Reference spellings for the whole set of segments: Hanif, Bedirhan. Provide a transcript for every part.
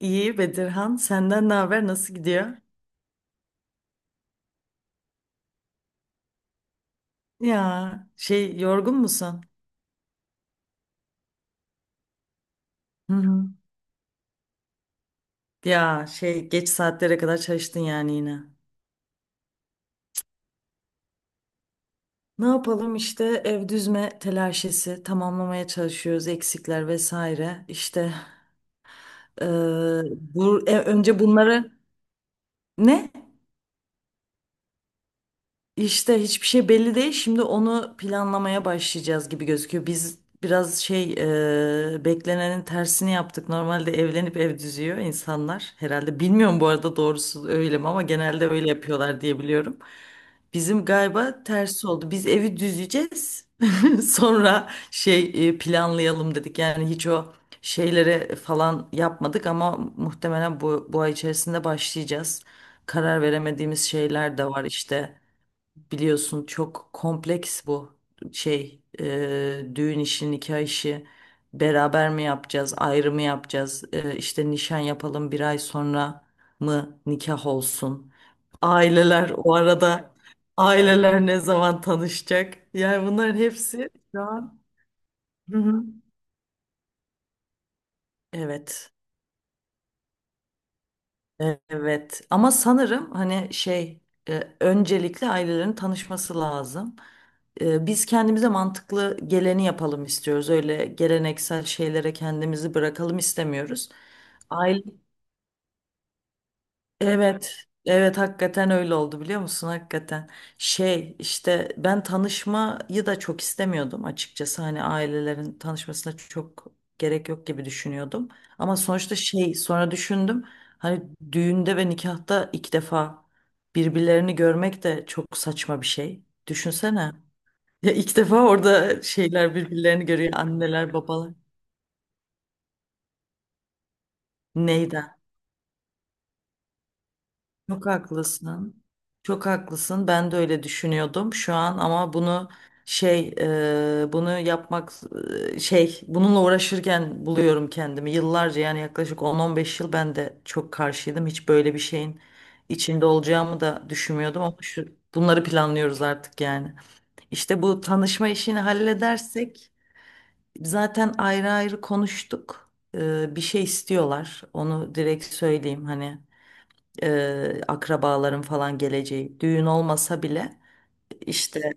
İyi Bedirhan, senden ne haber? Nasıl gidiyor? Ya şey yorgun musun? Hı hı. Ya şey geç saatlere kadar çalıştın yani yine. Ne yapalım işte ev düzme telaşesi tamamlamaya çalışıyoruz eksikler vesaire. İşte eee, bu önce bunları ne? İşte hiçbir şey belli değil. Şimdi onu planlamaya başlayacağız gibi gözüküyor. Biz biraz şey beklenenin tersini yaptık. Normalde evlenip ev düzüyor insanlar herhalde. Bilmiyorum bu arada doğrusu öyle mi ama genelde öyle yapıyorlar diye biliyorum. Bizim galiba tersi oldu. Biz evi düzeceğiz. Sonra şey planlayalım dedik. Yani hiç o şeylere falan yapmadık ama muhtemelen bu ay içerisinde başlayacağız. Karar veremediğimiz şeyler de var işte. Biliyorsun çok kompleks bu şey düğün işi, nikah işi beraber mi yapacağız, ayrı mı yapacağız? E, işte nişan yapalım, bir ay sonra mı nikah olsun, aileler o arada aileler ne zaman tanışacak, yani bunların hepsi şu an. Hı hı. Evet. Evet ama sanırım hani şey öncelikle ailelerin tanışması lazım. E, biz kendimize mantıklı geleni yapalım istiyoruz. Öyle geleneksel şeylere kendimizi bırakalım istemiyoruz. Evet, evet, hakikaten öyle oldu, biliyor musun? Hakikaten şey işte, ben tanışmayı da çok istemiyordum açıkçası. Hani ailelerin tanışmasına çok gerek yok gibi düşünüyordum. Ama sonuçta şey, sonra düşündüm, hani düğünde ve nikahta iki defa birbirlerini görmek de çok saçma bir şey. Düşünsene. Ya ilk defa orada şeyler birbirlerini görüyor, anneler babalar. Neyden? Çok haklısın. Çok haklısın. Ben de öyle düşünüyordum şu an ama bunu şey bunu yapmak şey, bununla uğraşırken buluyorum kendimi. Yıllarca, yani yaklaşık 10-15 yıl ben de çok karşıydım. Hiç böyle bir şeyin içinde olacağımı da düşünmüyordum ama şu bunları planlıyoruz artık yani. İşte bu tanışma işini halledersek, zaten ayrı ayrı konuştuk. E, bir şey istiyorlar. Onu direkt söyleyeyim, hani akrabaların falan geleceği. Düğün olmasa bile, işte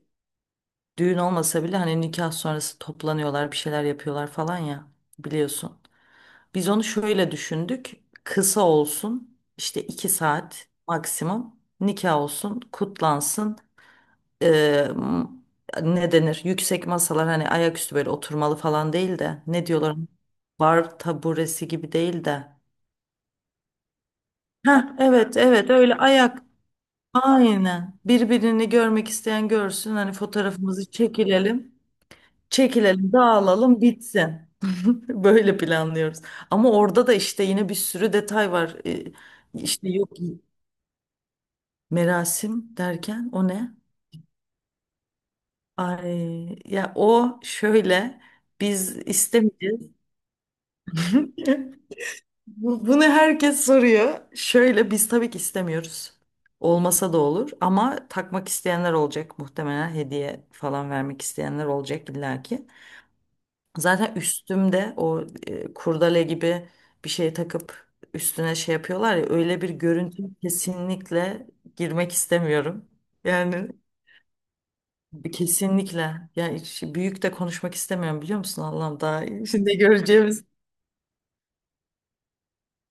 düğün olmasa bile hani nikah sonrası toplanıyorlar, bir şeyler yapıyorlar falan ya, biliyorsun. Biz onu şöyle düşündük. Kısa olsun işte, iki saat maksimum, nikah olsun, kutlansın. E, m- ne denir? Yüksek masalar, hani ayaküstü böyle oturmalı falan, değil de ne diyorlar? Bar taburesi gibi değil de. Ha, evet evet, öyle ayak. Aynen. Birbirini görmek isteyen görsün. Hani fotoğrafımızı çekilelim. Çekilelim, dağılalım, bitsin. Böyle planlıyoruz. Ama orada da işte yine bir sürü detay var. İşte yok, merasim derken o ne? Ay, ya o şöyle, biz istemeyeceğiz. Bunu herkes soruyor. Şöyle, biz tabii ki istemiyoruz. Olmasa da olur ama takmak isteyenler olacak. Muhtemelen hediye falan vermek isteyenler olacak illaki. Zaten üstümde o kurdele gibi bir şey takıp üstüne şey yapıyorlar ya, öyle bir görüntü kesinlikle girmek istemiyorum. Yani kesinlikle, yani hiç büyük de konuşmak istemiyorum, biliyor musun Allah'ım, daha şimdi göreceğimiz.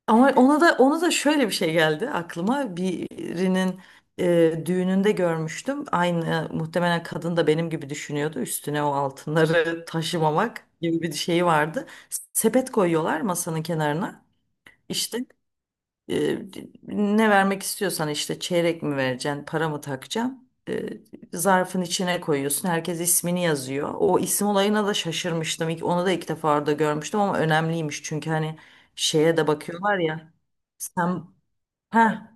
Ama ona da şöyle bir şey geldi aklıma. Birinin düğününde görmüştüm. Aynı, muhtemelen kadın da benim gibi düşünüyordu. Üstüne o altınları taşımamak gibi bir şeyi vardı. Sepet koyuyorlar masanın kenarına. İşte e, ne vermek istiyorsan, işte çeyrek mi vereceksin, para mı takacaksın? E, zarfın içine koyuyorsun. Herkes ismini yazıyor. O isim olayına da şaşırmıştım. Onu da ilk defa orada görmüştüm ama önemliymiş. Çünkü hani şeye de bakıyorlar ya. Sen ha,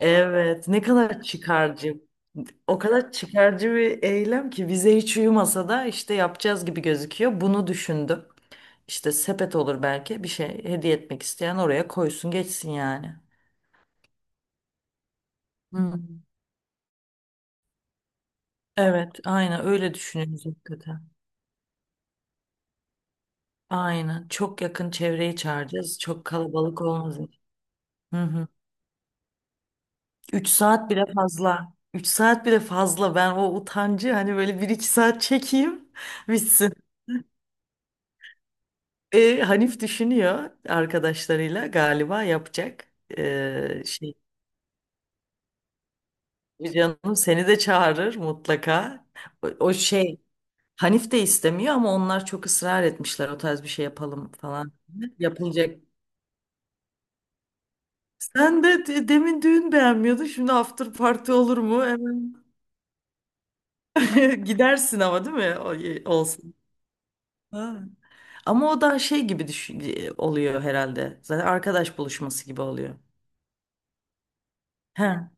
evet, ne kadar çıkarcı. O kadar çıkarcı bir eylem ki bize hiç uyumasa da işte yapacağız gibi gözüküyor. Bunu düşündüm. İşte sepet olur, belki bir şey hediye etmek isteyen oraya koysun geçsin yani. Hı. Evet, aynen öyle düşünüyoruz hakikaten. Aynen. Çok yakın çevreyi çağıracağız. Çok kalabalık olmaz. Hı hı. Üç saat bile fazla. Üç saat bile fazla. Ben o utancı hani böyle bir iki saat çekeyim bitsin. E, Hanif düşünüyor, arkadaşlarıyla galiba yapacak. E, şey, canım seni de çağırır mutlaka. O şey, Hanif de istemiyor ama onlar çok ısrar etmişler, o tarz bir şey yapalım falan. Yapılacak Sen de demin düğün beğenmiyordun. Şimdi after party olur mu? Hemen gidersin ama, değil mi? Olsun. Ha. Ama o daha şey gibi düşün oluyor herhalde. Zaten arkadaş buluşması gibi oluyor. He.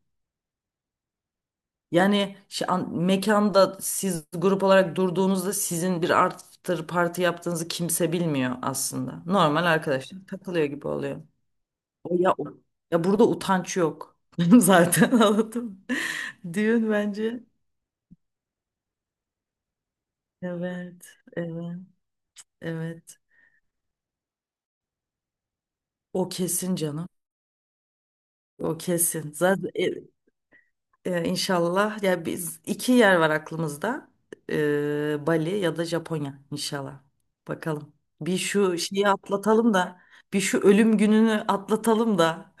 Yani şey, mekanda siz grup olarak durduğunuzda, sizin bir after party yaptığınızı kimse bilmiyor aslında. Normal arkadaşlar takılıyor gibi oluyor. O ya, o- ya burada utanç yok. Zaten anladım. Düğün bence. Evet. Evet. Evet. O kesin canım. O kesin. Zaten inşallah ya, biz, iki yer var aklımızda. E, Bali ya da Japonya inşallah. Bakalım. Bir şu şeyi atlatalım da, bir şu ölüm gününü atlatalım da.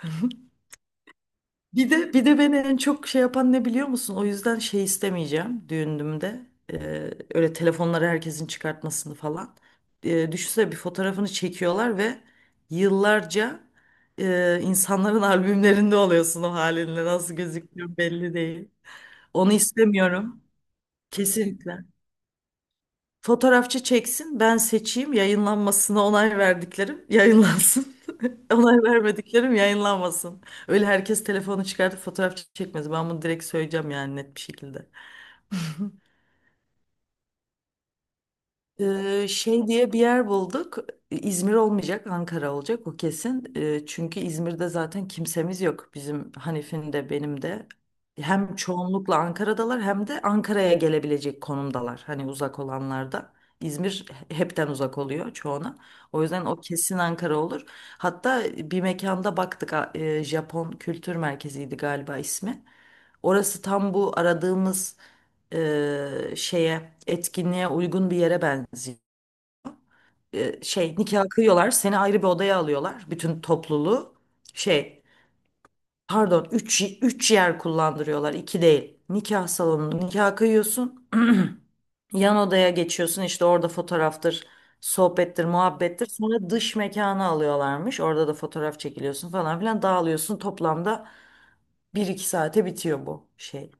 Bir de beni en çok şey yapan ne, biliyor musun? O yüzden şey istemeyeceğim düğünümde. Öyle telefonları herkesin çıkartmasını falan. Düşünsene, bir fotoğrafını çekiyorlar ve yıllarca insanların albümlerinde oluyorsun o halinle. Nasıl gözüküyor belli değil. Onu istemiyorum. Kesinlikle. Fotoğrafçı çeksin, ben seçeyim, yayınlanmasına onay verdiklerim yayınlansın. Onay vermediklerim yayınlanmasın. Öyle herkes telefonu çıkartıp fotoğraf çekmez. Ben bunu direkt söyleyeceğim, yani net bir şekilde. Şey diye bir yer bulduk. İzmir olmayacak, Ankara olacak, o kesin. Çünkü İzmir'de zaten kimsemiz yok. Bizim, Hanif'in de benim de. Hem çoğunlukla Ankara'dalar, hem de Ankara'ya gelebilecek konumdalar. Hani uzak olanlar da. İzmir hepten uzak oluyor çoğuna. O yüzden o kesin Ankara olur. Hatta bir mekanda baktık, Japon Kültür Merkezi'ydi galiba ismi. Orası tam bu aradığımız şeye, etkinliğe uygun bir yere benziyor. E, şey, nikah kıyıyorlar, seni ayrı bir odaya alıyorlar, bütün topluluğu. Şey, pardon, üç yer kullandırıyorlar, 2 değil. Nikah salonunda nikah kıyıyorsun. Yan odaya geçiyorsun, işte orada fotoğraftır, sohbettir, muhabbettir. Sonra dış mekana alıyorlarmış. Orada da fotoğraf çekiliyorsun falan filan, dağılıyorsun. Toplamda bir iki saate bitiyor bu şey.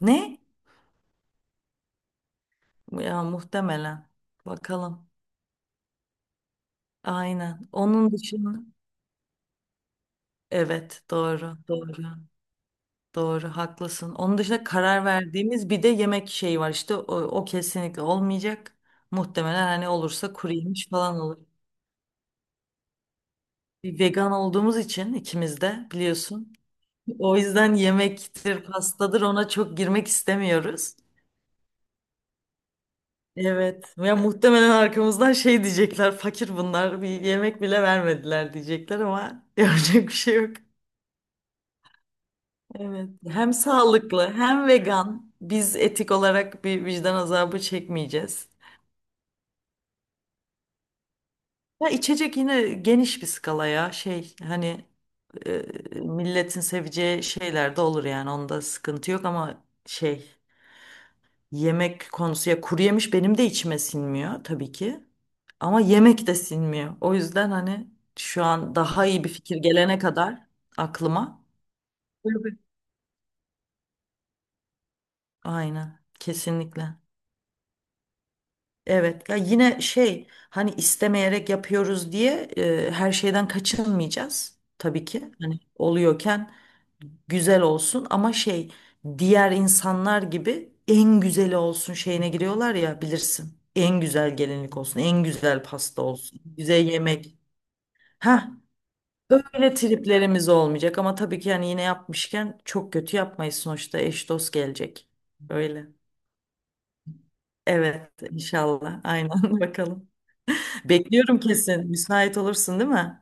Ne? Ya muhtemelen. Bakalım. Aynen. Onun dışında, evet, doğru doğru doğru, haklısın. Onun dışında karar verdiğimiz bir de yemek şeyi var, işte o kesinlikle olmayacak. Muhtemelen, hani olursa kuru yemiş falan olur. Bir vegan olduğumuz için ikimiz de, biliyorsun. O yüzden yemektir, pastadır, ona çok girmek istemiyoruz. Evet. Ya muhtemelen arkamızdan şey diyecekler. Fakir bunlar. Bir yemek bile vermediler diyecekler ama yapacak bir şey yok. Evet. Hem sağlıklı, hem vegan. Biz etik olarak bir vicdan azabı çekmeyeceğiz. Ya içecek yine geniş bir skala ya. Şey, hani e, milletin seveceği şeyler de olur, yani onda sıkıntı yok ama şey, yemek konusu, ya kuru yemiş benim de içime sinmiyor tabii ki. Ama yemek de sinmiyor. O yüzden hani şu an daha iyi bir fikir gelene kadar aklıma. Tabii. Aynen, kesinlikle. Evet ya, yine şey, hani istemeyerek yapıyoruz diye her şeyden kaçınmayacağız tabii ki. Hani oluyorken güzel olsun ama şey, diğer insanlar gibi en güzeli olsun şeyine giriyorlar ya, bilirsin. En güzel gelinlik olsun, en güzel pasta olsun, güzel yemek. Ha, öyle triplerimiz olmayacak ama tabii ki, yani yine yapmışken çok kötü yapmayız sonuçta, eş dost gelecek. Öyle. Evet, inşallah aynen bakalım. Bekliyorum kesin. Müsait olursun değil mi?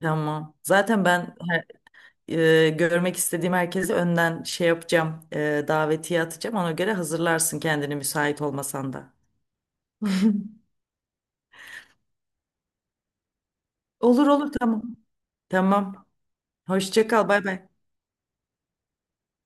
Tamam. Zaten ben görmek istediğim herkesi önden şey yapacağım. Davetiye atacağım. Ona göre hazırlarsın kendini, müsait olmasan da. Olur olur, tamam. Tamam. Hoşça kal. Bay bay.